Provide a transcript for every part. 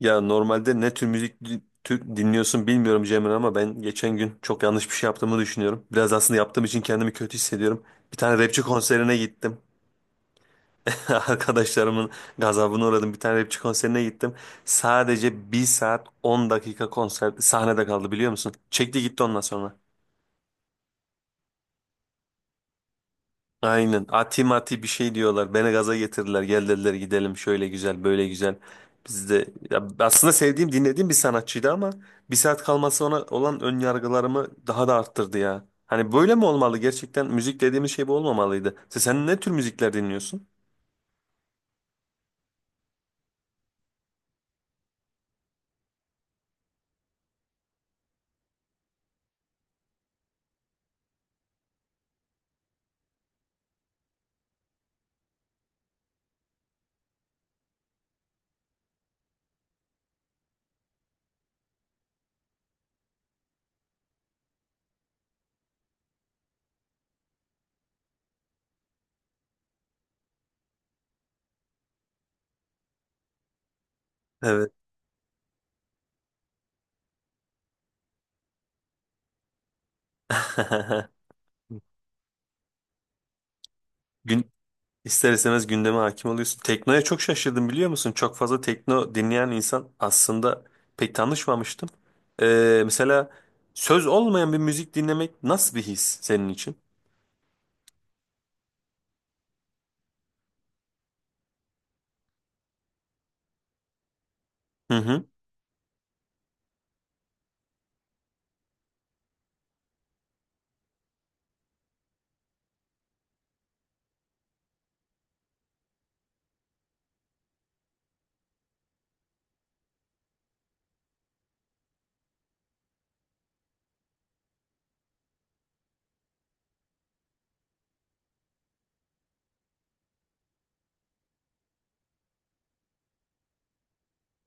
Ya normalde ne tür müzik di- tür dinliyorsun bilmiyorum Cemre, ama ben geçen gün çok yanlış bir şey yaptığımı düşünüyorum. Biraz aslında yaptığım için kendimi kötü hissediyorum. Bir tane rapçi konserine gittim. Arkadaşlarımın gazabına uğradım. Bir tane rapçi konserine gittim. Sadece bir saat 10 dakika konser sahnede kaldı, biliyor musun? Çekti gitti ondan sonra. Aynen. Ati mati bir şey diyorlar. Beni gaza getirdiler. Gel dediler, gidelim, şöyle güzel, böyle güzel. Biz de ya, aslında sevdiğim, dinlediğim bir sanatçıydı ama bir saat kalması ona olan ön yargılarımı daha da arttırdı ya. Hani böyle mi olmalı? Gerçekten müzik dediğimiz şey bu olmamalıydı. Sen ne tür müzikler dinliyorsun? Evet. gün İster istemez gündeme hakim oluyorsun. Teknoya çok şaşırdım, biliyor musun? Çok fazla tekno dinleyen insan aslında pek tanışmamıştım. Mesela söz olmayan bir müzik dinlemek nasıl bir his senin için? Hı hı.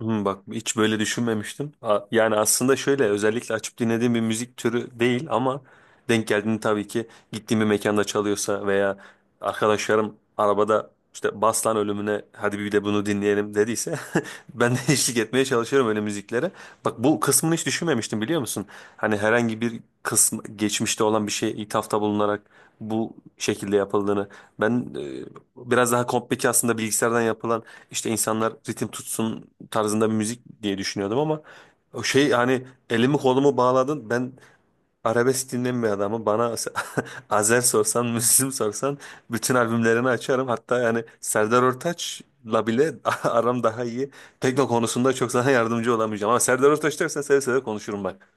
Hmm, bak hiç böyle düşünmemiştim. Yani aslında şöyle, özellikle açıp dinlediğim bir müzik türü değil ama denk geldiğini, tabii ki gittiğim bir mekanda çalıyorsa veya arkadaşlarım arabada işte Baslan ölümüne hadi bir de bunu dinleyelim dediyse ben de eşlik etmeye çalışıyorum öyle müziklere. Bak, bu kısmını hiç düşünmemiştim, biliyor musun? Hani herhangi bir kısım geçmişte olan bir şeye ithafta bulunarak bu şekilde yapıldığını. Ben biraz daha komplike aslında, bilgisayardan yapılan işte insanlar ritim tutsun tarzında bir müzik diye düşünüyordum ama o şey, hani elimi kolumu bağladın, ben arabesk dinleyen bir adamım. Bana Azer sorsan, Müslüm sorsan bütün albümlerini açarım, hatta yani Serdar Ortaç'la bile aram daha iyi. Tekno konusunda çok sana yardımcı olamayacağım ama Serdar Ortaç dersen seve seve konuşurum bak.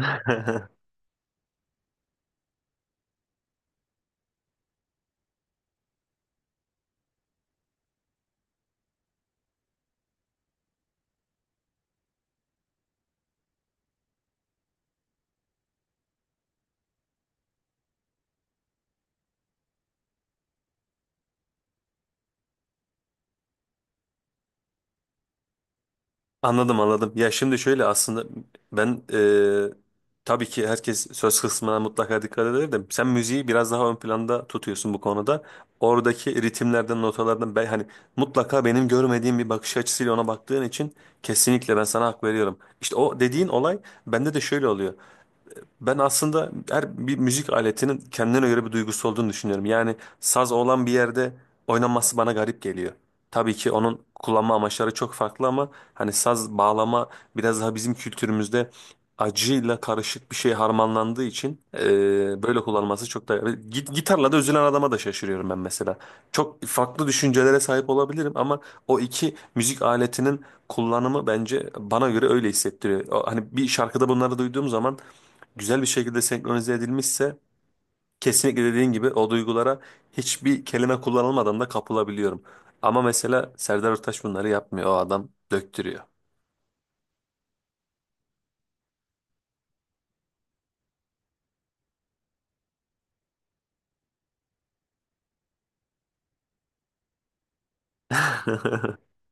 Anladım, anladım. Ya şimdi şöyle, aslında ben tabii ki herkes söz kısmına mutlaka dikkat eder de sen müziği biraz daha ön planda tutuyorsun bu konuda. Oradaki ritimlerden, notalardan, ben hani mutlaka benim görmediğim bir bakış açısıyla ona baktığın için kesinlikle ben sana hak veriyorum. İşte o dediğin olay bende de şöyle oluyor. Ben aslında her bir müzik aletinin kendine göre bir duygusu olduğunu düşünüyorum. Yani saz olan bir yerde oynanması bana garip geliyor. Tabii ki onun kullanma amaçları çok farklı ama hani saz, bağlama biraz daha bizim kültürümüzde acıyla karışık bir şey harmanlandığı için böyle kullanılması çok da... Gitarla da üzülen adama da şaşırıyorum ben mesela. Çok farklı düşüncelere sahip olabilirim ama o iki müzik aletinin kullanımı bence, bana göre öyle hissettiriyor. Hani bir şarkıda bunları duyduğum zaman güzel bir şekilde senkronize edilmişse kesinlikle dediğin gibi o duygulara hiçbir kelime kullanılmadan da kapılabiliyorum. Ama mesela Serdar Ortaç bunları yapmıyor. O adam döktürüyor.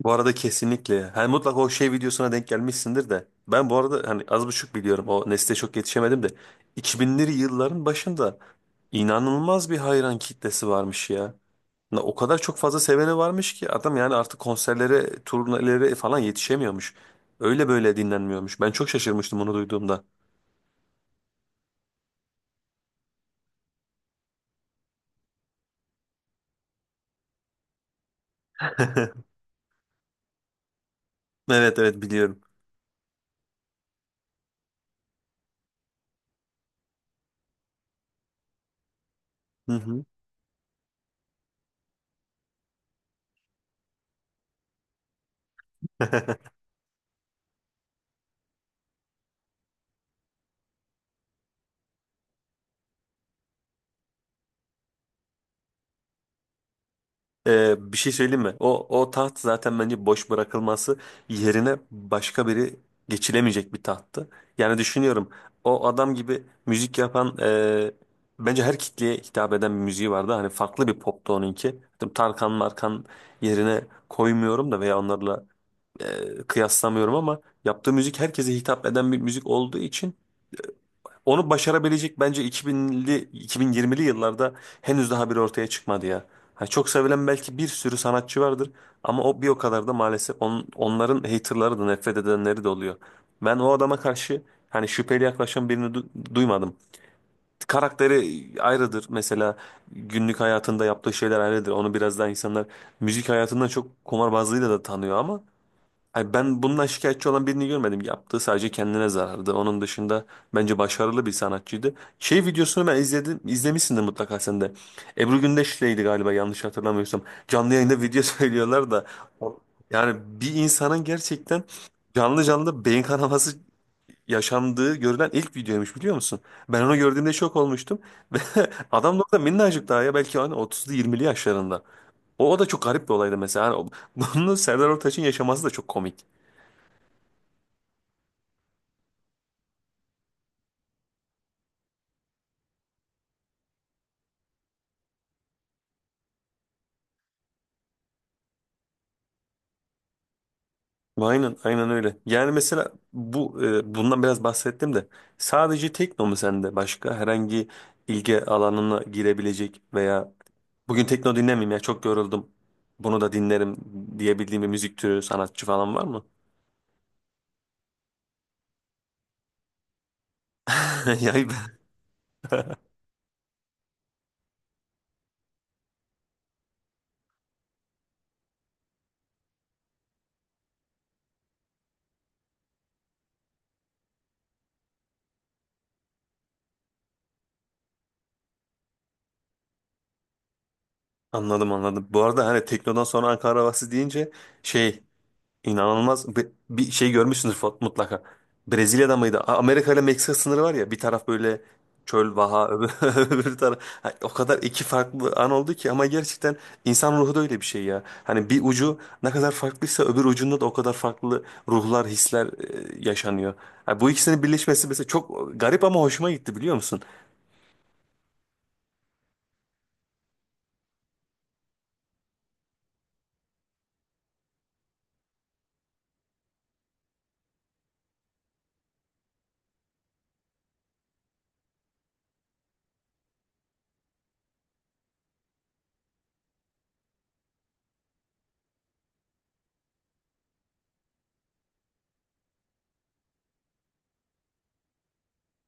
Bu arada kesinlikle. Hani mutlaka o şey videosuna denk gelmişsindir de. Ben bu arada hani az buçuk biliyorum. O nesle çok yetişemedim de. 2000'li yılların başında inanılmaz bir hayran kitlesi varmış ya. O kadar çok fazla seveni varmış ki adam, yani artık konserlere, turnelere falan yetişemiyormuş. Öyle böyle dinlenmiyormuş. Ben çok şaşırmıştım onu duyduğumda. Evet, evet biliyorum. Hı hı. Bir şey söyleyeyim mi? O taht zaten bence boş bırakılması yerine başka biri geçilemeyecek bir tahttı. Yani düşünüyorum, o adam gibi müzik yapan, bence her kitleye hitap eden bir müziği vardı. Hani farklı bir poptu onunki. Tabii Tarkan Markan yerine koymuyorum da veya onlarla kıyaslamıyorum, ama yaptığı müzik herkese hitap eden bir müzik olduğu için onu başarabilecek, bence 2000'li 2020'li yıllarda henüz daha biri ortaya çıkmadı ya. Ha, çok sevilen belki bir sürü sanatçı vardır ama o bir o kadar da maalesef onların haterları da, nefret edenleri de oluyor. Ben o adama karşı hani şüpheli yaklaşan birini duymadım. Karakteri ayrıdır mesela, günlük hayatında yaptığı şeyler ayrıdır. Onu biraz daha insanlar müzik hayatından çok kumarbazlığıyla da tanıyor. Ay, ben bundan şikayetçi olan birini görmedim. Yaptığı sadece kendine zarardı. Onun dışında bence başarılı bir sanatçıydı. Şey videosunu ben izledim. İzlemişsindir mutlaka sen de. Ebru Gündeş'leydi galiba, yanlış hatırlamıyorsam. Canlı yayında video söylüyorlar da. Yani bir insanın gerçekten canlı canlı beyin kanaması yaşandığı görülen ilk videoymuş, biliyor musun? Ben onu gördüğümde şok olmuştum. Ve adam da orada minnacık daha, ya belki hani 30'lu 20'li yaşlarında. O da çok garip bir olaydı mesela. Bunu Serdar Ortaç'ın yaşaması da çok komik. Aynen, aynen öyle. Yani mesela bu, bundan biraz bahsettim de sadece tekno mu sende? Başka herhangi ilgi alanına girebilecek veya bugün tekno dinlemeyeyim ya, çok yoruldum, bunu da dinlerim diyebildiğim bir müzik türü, sanatçı falan var mı? Yani ben- anladım, anladım. Bu arada hani teknodan sonra Ankara havası deyince şey, İnanılmaz bir, şey görmüşsünüz mutlaka. Brezilya'da mıydı? Amerika ile Meksika sınırı var ya, bir taraf böyle çöl, vaha öbür, öbür taraf. Ha, o kadar iki farklı an oldu ki ama gerçekten insan ruhu da öyle bir şey ya. Hani bir ucu ne kadar farklıysa öbür ucunda da o kadar farklı ruhlar, hisler yaşanıyor. Ha, bu ikisinin birleşmesi mesela çok garip ama hoşuma gitti, biliyor musun?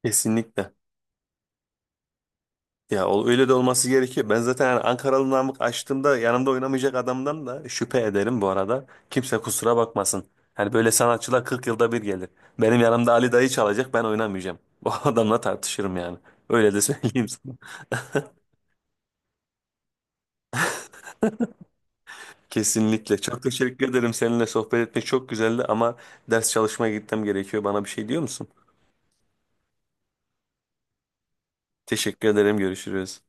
Kesinlikle. Ya öyle de olması gerekiyor. Ben zaten yani Ankaralı Namık açtığımda yanımda oynamayacak adamdan da şüphe ederim bu arada. Kimse kusura bakmasın. Hani böyle sanatçılar 40 yılda bir gelir. Benim yanımda Ali Dayı çalacak, ben oynamayacağım. O adamla tartışırım yani. Öyle de söyleyeyim sana. Kesinlikle. Çok teşekkür ederim. Seninle sohbet etmek çok güzeldi ama ders çalışmaya gitmem gerekiyor. Bana bir şey diyor musun? Teşekkür ederim. Görüşürüz.